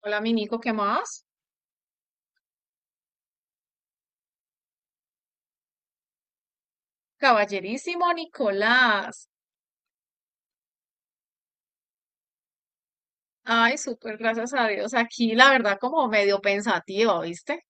Hola, mi Nico, ¿qué más? Caballerísimo Nicolás. Ay, súper, gracias a Dios. Aquí, la verdad, como medio pensativa, ¿viste?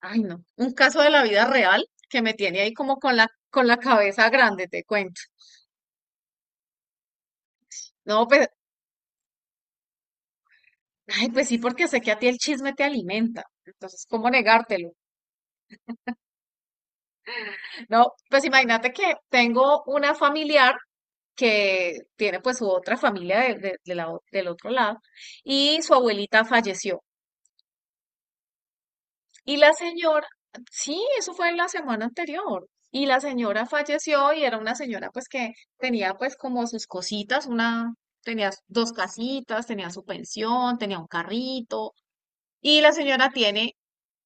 Ay, no. Un caso de la vida real que me tiene ahí como con la cabeza grande, te cuento. No, pues, ay, pues sí, porque sé que a ti el chisme te alimenta. Entonces, ¿cómo negártelo? No, pues imagínate que tengo una familiar que tiene pues su otra familia del otro lado y su abuelita falleció. Y la señora, sí, eso fue la semana anterior. Y la señora falleció y era una señora pues que tenía pues como sus cositas, tenía dos casitas, tenía su pensión, tenía un carrito. Y la señora tiene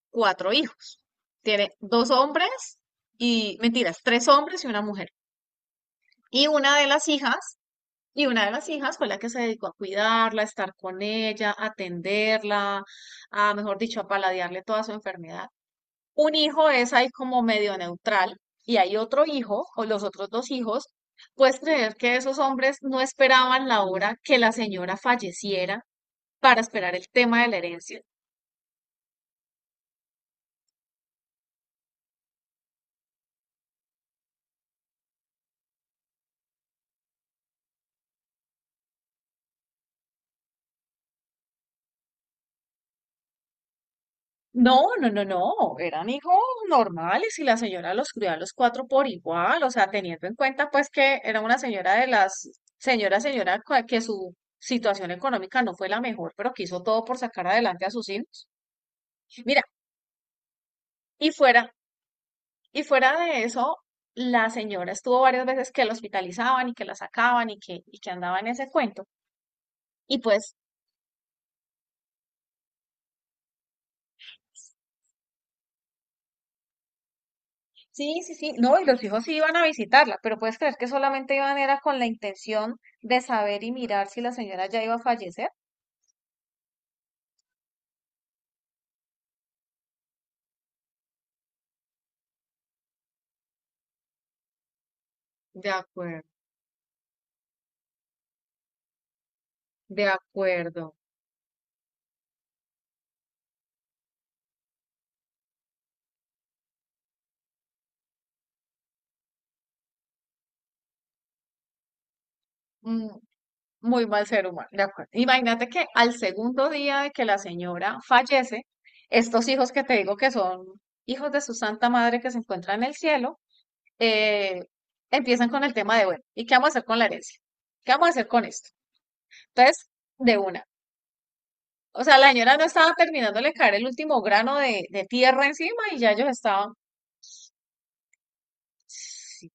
cuatro hijos. Tiene dos hombres y, mentiras, tres hombres y una mujer. Y una de las hijas, y una de las hijas fue la que se dedicó a cuidarla, a estar con ella, a atenderla, a, mejor dicho, a paladearle toda su enfermedad. Un hijo es ahí como medio neutral y hay otro hijo o los otros dos hijos. Puedes creer que esos hombres no esperaban la hora que la señora falleciera para esperar el tema de la herencia. No, no, no, no, eran hijos normales y la señora los crió a los cuatro por igual, o sea, teniendo en cuenta pues que era una señora de señora, señora, que su situación económica no fue la mejor, pero que hizo todo por sacar adelante a sus hijos. Mira, y fuera, y fuera de eso, la señora estuvo varias veces que la hospitalizaban y que la sacaban y que andaba en ese cuento. Y pues, Sí, sí, sí. No, y los hijos sí iban a visitarla, pero puedes creer que solamente iban era con la intención de saber y mirar si la señora ya iba a fallecer. De acuerdo, de acuerdo. Mm, Muy mal ser humano, de acuerdo. Imagínate que al segundo día de que la señora fallece, estos hijos que te digo que son hijos de su santa madre que se encuentran en el cielo, eh, empiezan con el tema de, bueno, ¿y qué vamos a hacer con la herencia? ¿Qué vamos a hacer con esto? Entonces, de una. O sea, la señora no estaba terminándole de caer el último grano de tierra encima y ya ellos sí,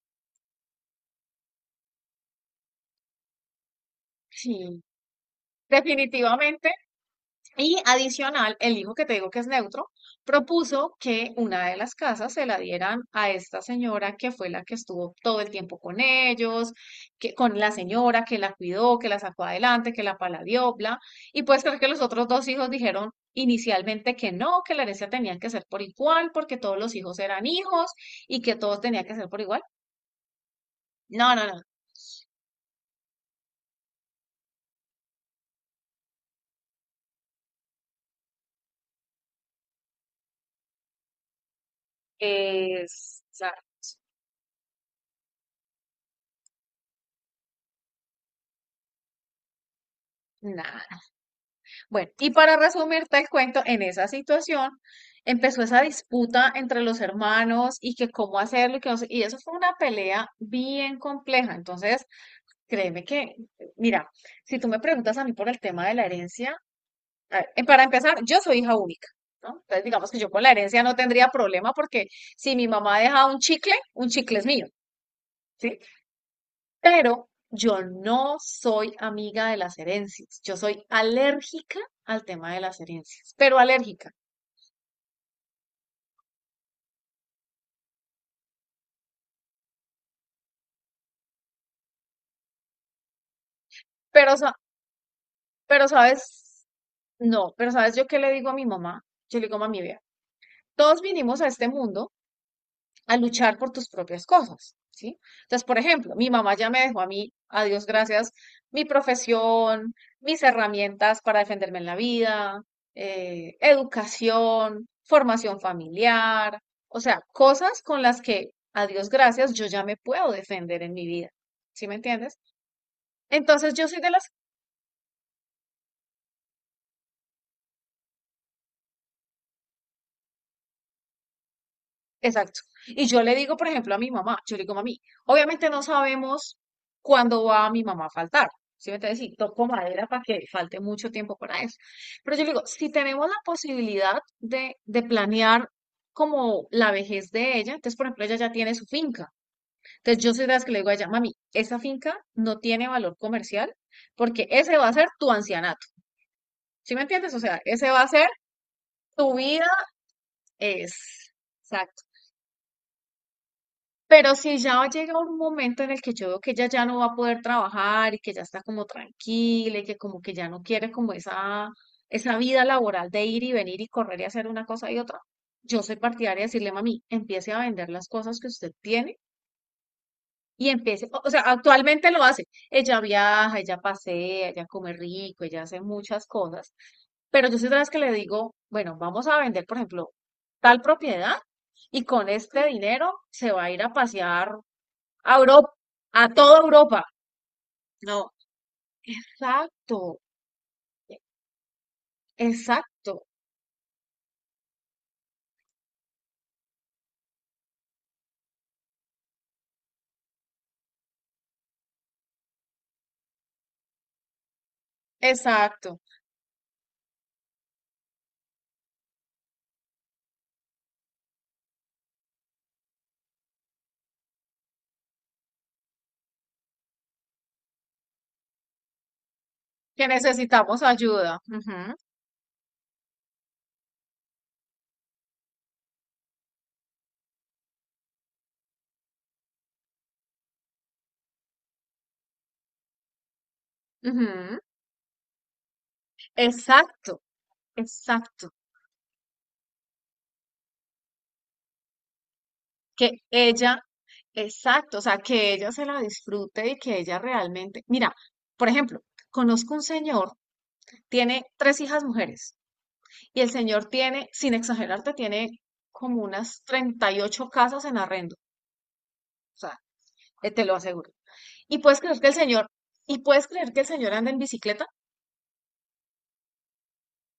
sí, definitivamente. Y adicional, el hijo que te digo que es neutro propuso que una de las casas se la dieran a esta señora que fue la que estuvo todo el tiempo con ellos, que con la señora que la cuidó, que la sacó adelante, que la paladió, bla. Y puedes creer que los otros dos hijos dijeron inicialmente que no, que la herencia tenía que ser por igual, porque todos los hijos eran hijos y que todos tenía que ser por igual. No, no, no. O sea, nada. Bueno, y para resumirte el cuento, en esa situación empezó esa disputa entre los hermanos y que cómo hacerlo y que no sé- y eso fue una pelea bien compleja. Entonces, créeme que, mira, si tú me preguntas a mí por el tema de la herencia, a ver, para empezar, yo soy hija única, ¿no? Entonces, digamos que yo con la herencia no tendría problema porque si mi mamá deja un chicle es mío. ¿Sí? Pero yo no soy amiga de las herencias. Yo soy alérgica al tema de las herencias, pero alérgica. Pero, sa- pero sabes, no, pero sabes yo qué le digo a mi mamá. Yo le digo, mami, vea, todos vinimos a este mundo a luchar por tus propias cosas, ¿sí? Entonces, por ejemplo, mi mamá ya me dejó a mí, a Dios gracias, mi profesión, mis herramientas para defenderme en la vida, educación, formación familiar, o sea, cosas con las que, a Dios gracias, yo ya me puedo defender en mi vida, ¿sí me entiendes? Entonces, yo soy de las. Exacto. Y yo le digo, por ejemplo, a mi mamá, yo le digo, mami, obviamente no sabemos cuándo va mi mamá a faltar. ¿Sí me entiendes? Y toco madera para que falte mucho tiempo para eso. Pero yo le digo, si tenemos la posibilidad de planear como la vejez de ella, entonces, por ejemplo, ella ya tiene su finca. Entonces, yo soy de las que le digo a ella, mami, esa finca no tiene valor comercial porque ese va a ser tu ancianato. ¿Sí me entiendes? O sea, ese va a ser tu vida es. Pero si ya llega un momento en el que yo veo que ella ya no va a poder trabajar y que ya está como tranquila y que como que ya no quiere como esa vida laboral de ir y venir y correr y hacer una cosa y otra, yo soy partidaria de decirle, mami, empiece a vender las cosas que usted tiene y empiece, o sea, actualmente lo hace. Ella viaja, ella pasea, ella come rico, ella hace muchas cosas, pero yo soy de las que le digo, bueno, vamos a vender, por ejemplo, tal propiedad y con este dinero se va a ir a pasear a Europa, a toda Europa. No, exacto, exacto, exacto. Que necesitamos ayuda. Ujú, ujú. Exacto, exacto. Que ella, exacto, o sea, que ella se la disfrute y que ella realmente, mira, por ejemplo, conozco un señor, tiene tres hijas mujeres y el señor tiene, sin exagerarte, tiene como unas 38 casas en arrendo. O sea, te lo aseguro. ¿Y puedes creer que el señor, y puedes creer que el señor anda en bicicleta?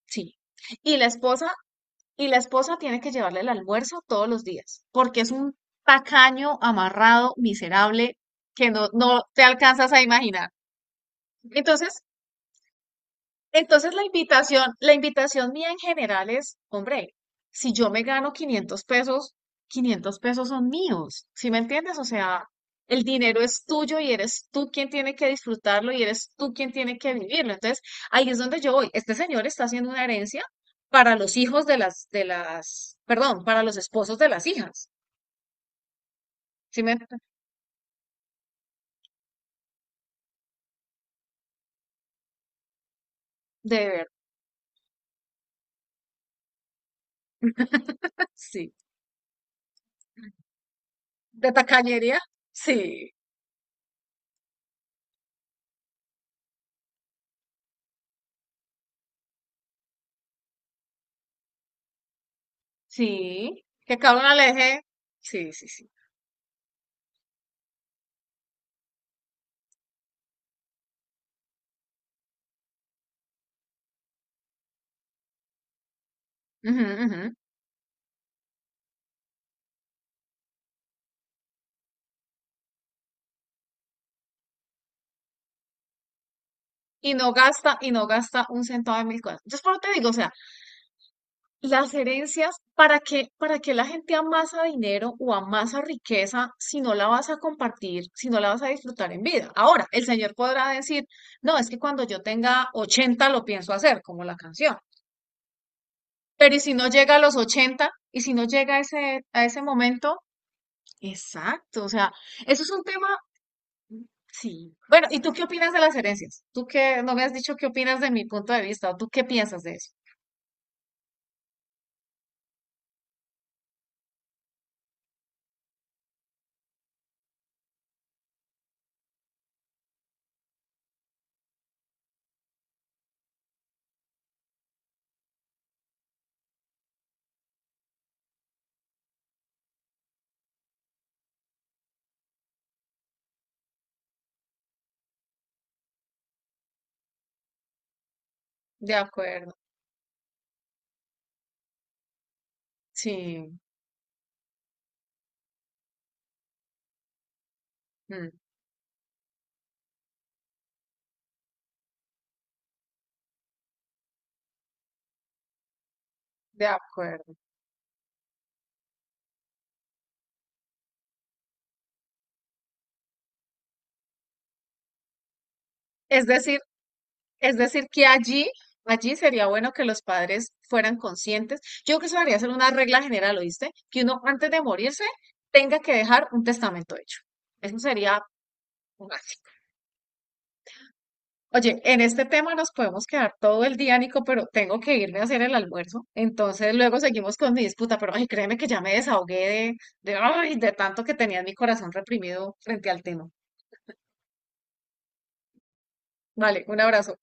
Sí. Y la esposa, y la esposa tiene que llevarle el almuerzo todos los días, porque es un tacaño, amarrado, miserable, que no, no te alcanzas a imaginar. Entonces, entonces la invitación mía en general es, hombre, si yo me gano 500 pesos, 500 pesos son míos, ¿sí me entiendes? O sea, el dinero es tuyo y eres tú quien tiene que disfrutarlo y eres tú quien tiene que vivirlo. Entonces, ahí es donde yo voy. Este señor está haciendo una herencia para los hijos de perdón, para los esposos de las hijas. ¿Sí me ent- De verdad, sí. ¿De tacañería? Sí, sí. Que cada una le deje. Sí, sí, sí. Ujú, ujú. Y no gasta un centavo de mil cosas. Entonces, por eso te digo, o sea, las herencias, ¿para qué la gente amasa dinero o amasa riqueza si no la vas a compartir, si no la vas a disfrutar en vida? Ahora, el señor podrá decir, no, es que cuando yo tenga 80 lo pienso hacer, como la canción. Pero ¿y si no llega a los 80? ¿Y si no llega a ese momento? Exacto, o sea, eso es un tema. Sí. Bueno, ¿y tú qué opinas de las herencias? Tú que no me has dicho qué opinas de mi punto de vista, o tú qué piensas de eso. De acuerdo. Sí, mm, de acuerdo. Es decir, es decir que allí sería bueno que los padres fueran conscientes. Yo creo que eso debería ser una regla general, ¿oíste? Que uno antes de morirse tenga que dejar un testamento hecho. Eso sería básico. Oye, en este tema nos podemos quedar todo el día, Nico, pero tengo que irme a hacer el almuerzo. Entonces luego seguimos con mi disputa, pero ay, créeme que ya me desahogué de tanto que tenía en mi corazón reprimido frente al tema. Vale, un abrazo.